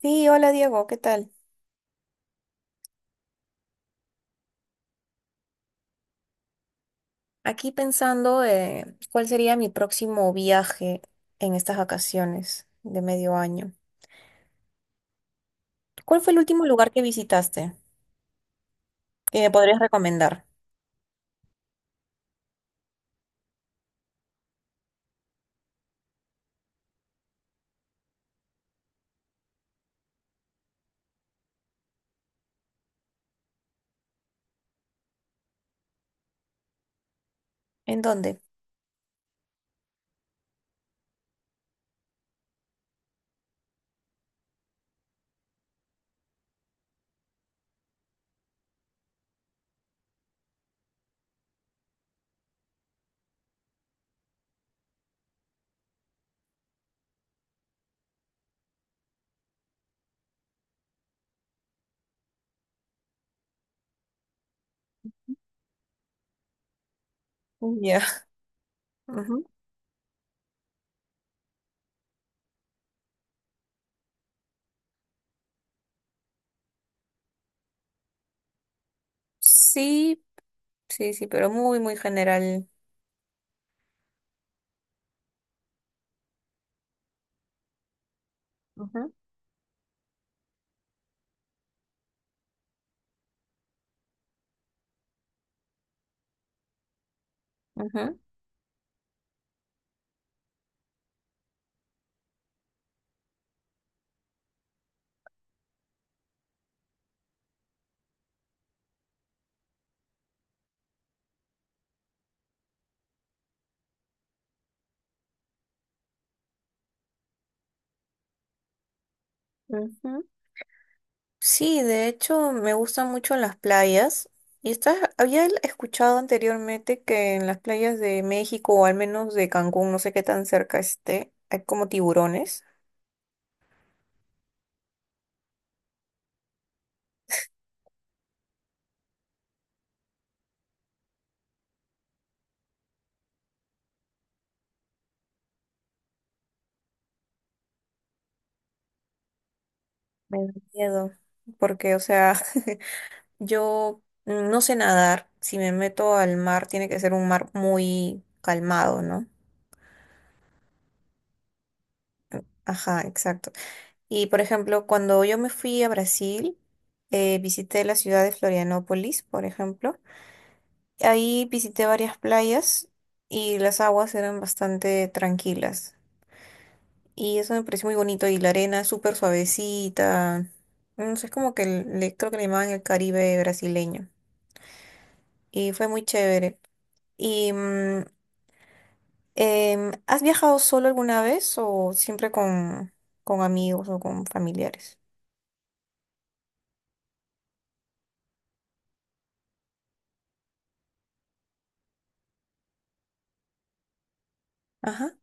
Sí, hola Diego, ¿qué tal? Aquí pensando cuál sería mi próximo viaje en estas vacaciones de medio año. ¿Cuál fue el último lugar que visitaste que me podrías recomendar? ¿En dónde? Ya. Ujú. Sí, sí, sí, pero muy, muy general. Ujú, ujú, ujú. Sí, de hecho me gustan mucho las playas. Y estás, había escuchado anteriormente que en las playas de México, o al menos de Cancún, no sé qué tan cerca esté, hay como tiburones. Me da miedo, porque, o sea, yo no sé nadar. Si me meto al mar, tiene que ser un mar muy calmado, ¿no? Ajá, exacto. Y, por ejemplo, cuando yo me fui a Brasil, visité la ciudad de Florianópolis, por ejemplo. Ahí visité varias playas y las aguas eran bastante tranquilas. Y eso me pareció muy bonito. Y la arena es súper suavecita. No sé, es como que le, creo que le llamaban el Caribe brasileño. Y fue muy chévere. Y ¿has viajado solo alguna vez o siempre con amigos o con familiares? Ajá.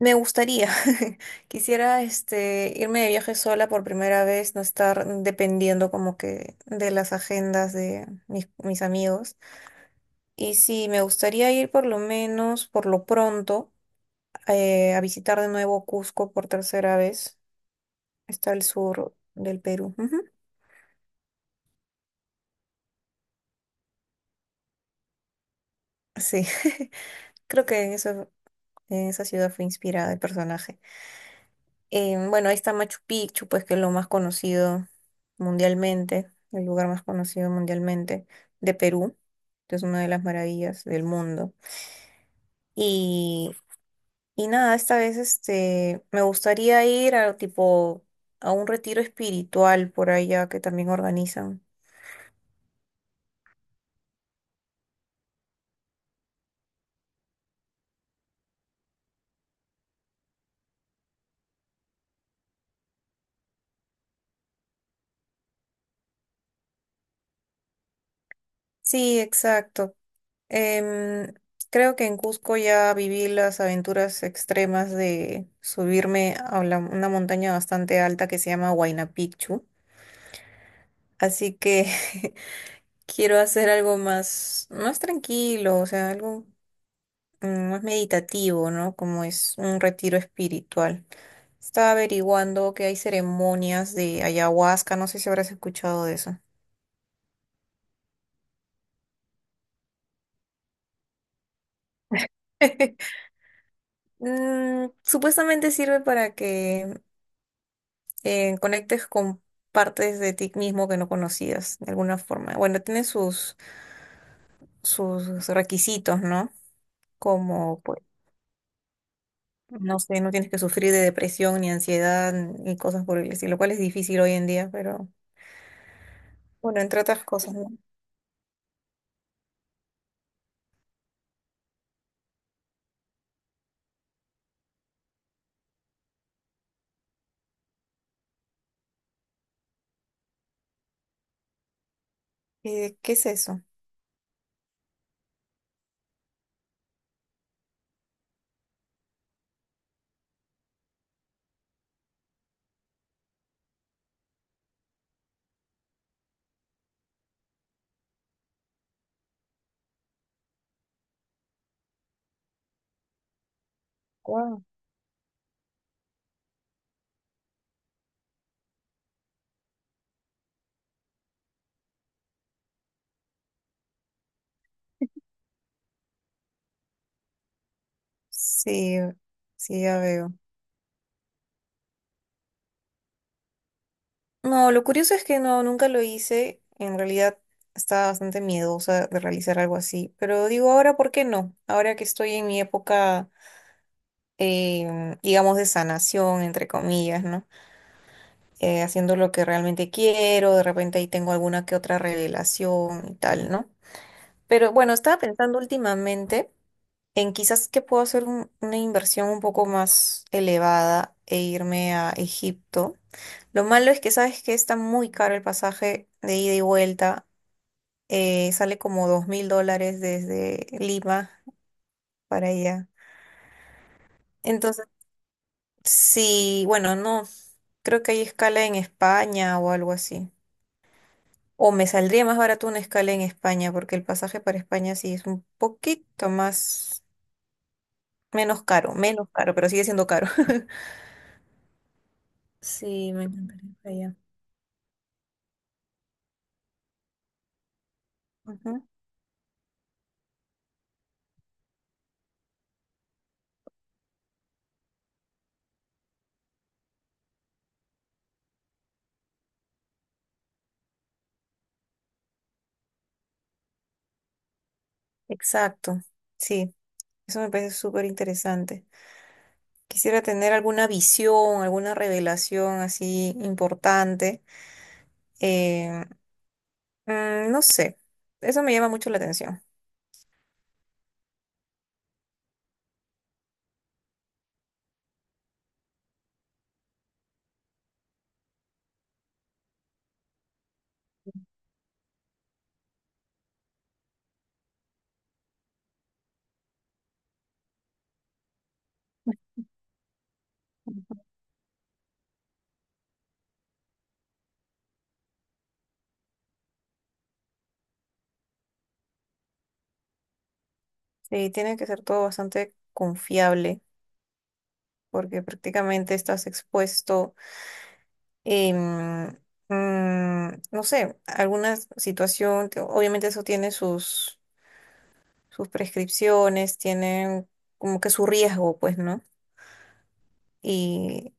Me gustaría. Quisiera irme de viaje sola por primera vez, no estar dependiendo como que de las agendas de mis amigos. Y sí, me gustaría ir por lo menos, por lo pronto, a visitar de nuevo Cusco por tercera vez. Está al sur del Perú. Ujú. Sí. Creo que en eso. Esa ciudad fue inspirada el personaje. Bueno, ahí está Machu Picchu, pues que es lo más conocido mundialmente, el lugar más conocido mundialmente de Perú, que es una de las maravillas del mundo. Y, y nada, esta vez me gustaría ir a tipo a un retiro espiritual por allá que también organizan. Sí, exacto. Em, creo que en Cusco ya viví las aventuras extremas de subirme a una montaña bastante alta que se llama Huayna Picchu. Así que quiero hacer algo más, más tranquilo, o sea, algo más meditativo, ¿no? Como es un retiro espiritual. Estaba averiguando que hay ceremonias de ayahuasca, no sé si habrás escuchado de eso. Supuestamente sirve para que conectes con partes de ti mismo que no conocías de alguna forma. Bueno, tiene sus requisitos, ¿no? Como, pues, no sé, no tienes que sufrir de depresión ni ansiedad ni cosas por el estilo, lo cual es difícil hoy en día, pero bueno, entre otras cosas, ¿no? ¿Qué es eso? Wow. Sí, sí, ya veo. No, lo curioso es que no, nunca lo hice. En realidad estaba bastante miedosa de realizar algo así. Pero digo, ahora, ¿por qué no? Ahora que estoy en mi época digamos, de sanación, entre comillas, ¿no? Haciendo lo que realmente quiero, de repente ahí tengo alguna que otra revelación y tal, ¿no? Pero bueno, estaba pensando últimamente en quizás que puedo hacer una inversión un poco más elevada e irme a Egipto. Lo malo es que sabes que está muy caro el pasaje de ida y vuelta, sale como 2000 dólares desde Lima para allá. Entonces. Sí, bueno, no, creo que hay escala en España o algo así. O me saldría más barato una escala en España, porque el pasaje para España sí es un poquito más, menos caro, pero sigue siendo caro. Sí, me encantaría ir para allá. Ujú, exacto, sí, eso me parece súper interesante. Quisiera tener alguna visión, alguna revelación así importante. eh, no sé, eso me llama mucho la atención. Sí, tiene que ser todo bastante confiable, porque prácticamente estás expuesto, em, no sé, alguna situación, que obviamente eso tiene sus, sus prescripciones, tiene como que su riesgo, pues, ¿no? Y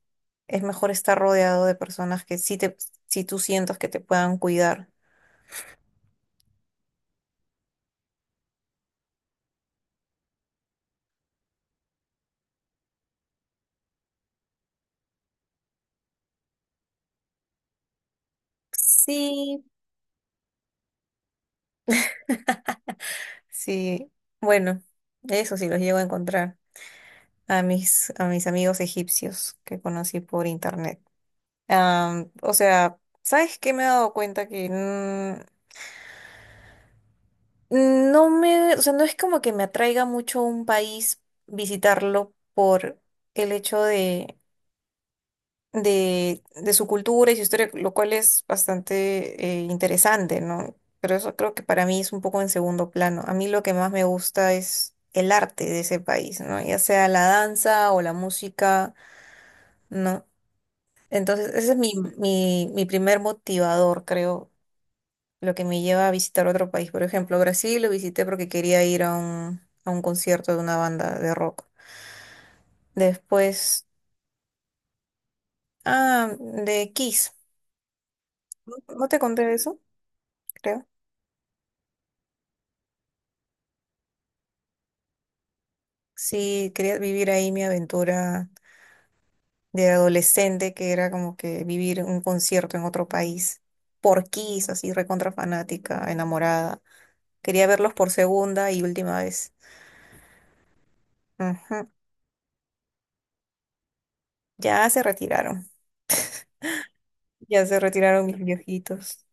es mejor estar rodeado de personas que sí te, si tú sientas que te puedan cuidar. Sí, sí, bueno, eso sí los llego a encontrar a mis amigos egipcios que conocí por internet. O sea, ¿sabes qué me he dado cuenta? Que no me, o sea, no es como que me atraiga mucho un país visitarlo por el hecho de su cultura y su historia, lo cual es bastante interesante, ¿no? Pero eso creo que para mí es un poco en segundo plano. A mí lo que más me gusta es el arte de ese país, ¿no? Ya sea la danza o la música, ¿no? Entonces, ese es mi primer motivador, creo. Lo que me lleva a visitar otro país. Por ejemplo, Brasil lo visité porque quería ir a un concierto de una banda de rock. Después, ah, de Kiss. ¿No te conté de eso? Creo. Sí, quería vivir ahí mi aventura de adolescente, que era como que vivir un concierto en otro país por Kiss, así recontra fanática, enamorada. Quería verlos por segunda y última vez. Ujú. Ya se retiraron, ya se retiraron mis viejitos.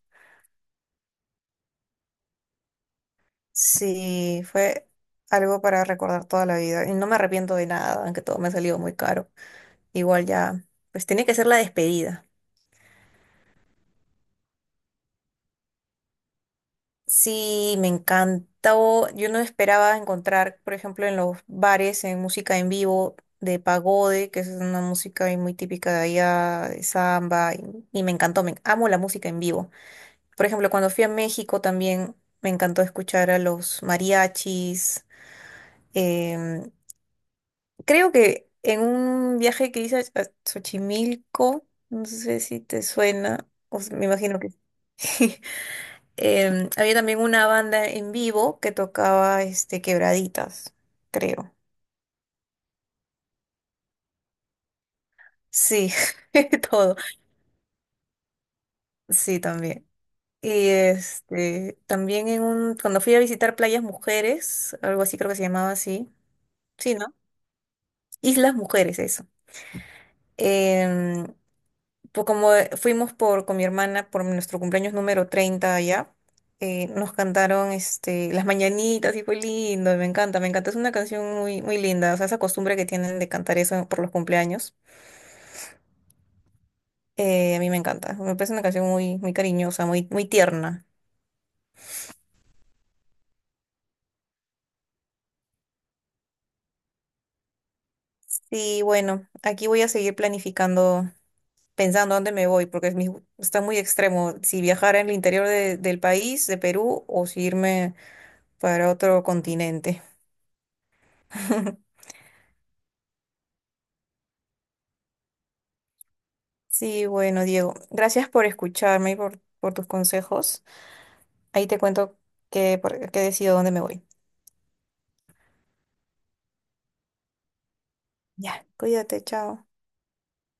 Sí, fue algo para recordar toda la vida. Y no me arrepiento de nada, aunque todo me ha salido muy caro. Igual ya, pues tiene que ser la despedida. Sí, me encantó. Yo no esperaba encontrar, por ejemplo, en los bares, en música en vivo de pagode, que es una música ahí muy típica de allá, de samba, y me encantó, me amo la música en vivo. Por ejemplo, cuando fui a México también me encantó escuchar a los mariachis. em, Creo que en un viaje que hice a Xochimilco, no sé si te suena, me imagino que sí. Había también una banda en vivo que tocaba este quebraditas, creo. Sí, todo. Sí, también. Y este, también en un, cuando fui a visitar Playas Mujeres, algo así creo que se llamaba así. Sí, ¿no? Islas Mujeres, eso. Em, pues como fuimos por, con mi hermana por nuestro cumpleaños número 30 allá, nos cantaron Las Mañanitas y fue lindo, y me encanta, me encanta. Es una canción muy, muy linda, o sea, esa costumbre que tienen de cantar eso por los cumpleaños, a mí me encanta. Me parece una canción muy, muy cariñosa, muy, muy tierna. Sí, bueno, aquí voy a seguir planificando, pensando dónde me voy, porque es está muy extremo si viajar al interior del país, de Perú, o si irme para otro continente. Sí, bueno, Diego, gracias por escucharme y por tus consejos. Ahí te cuento que, que decido dónde me voy. Ya, cuídate, chao.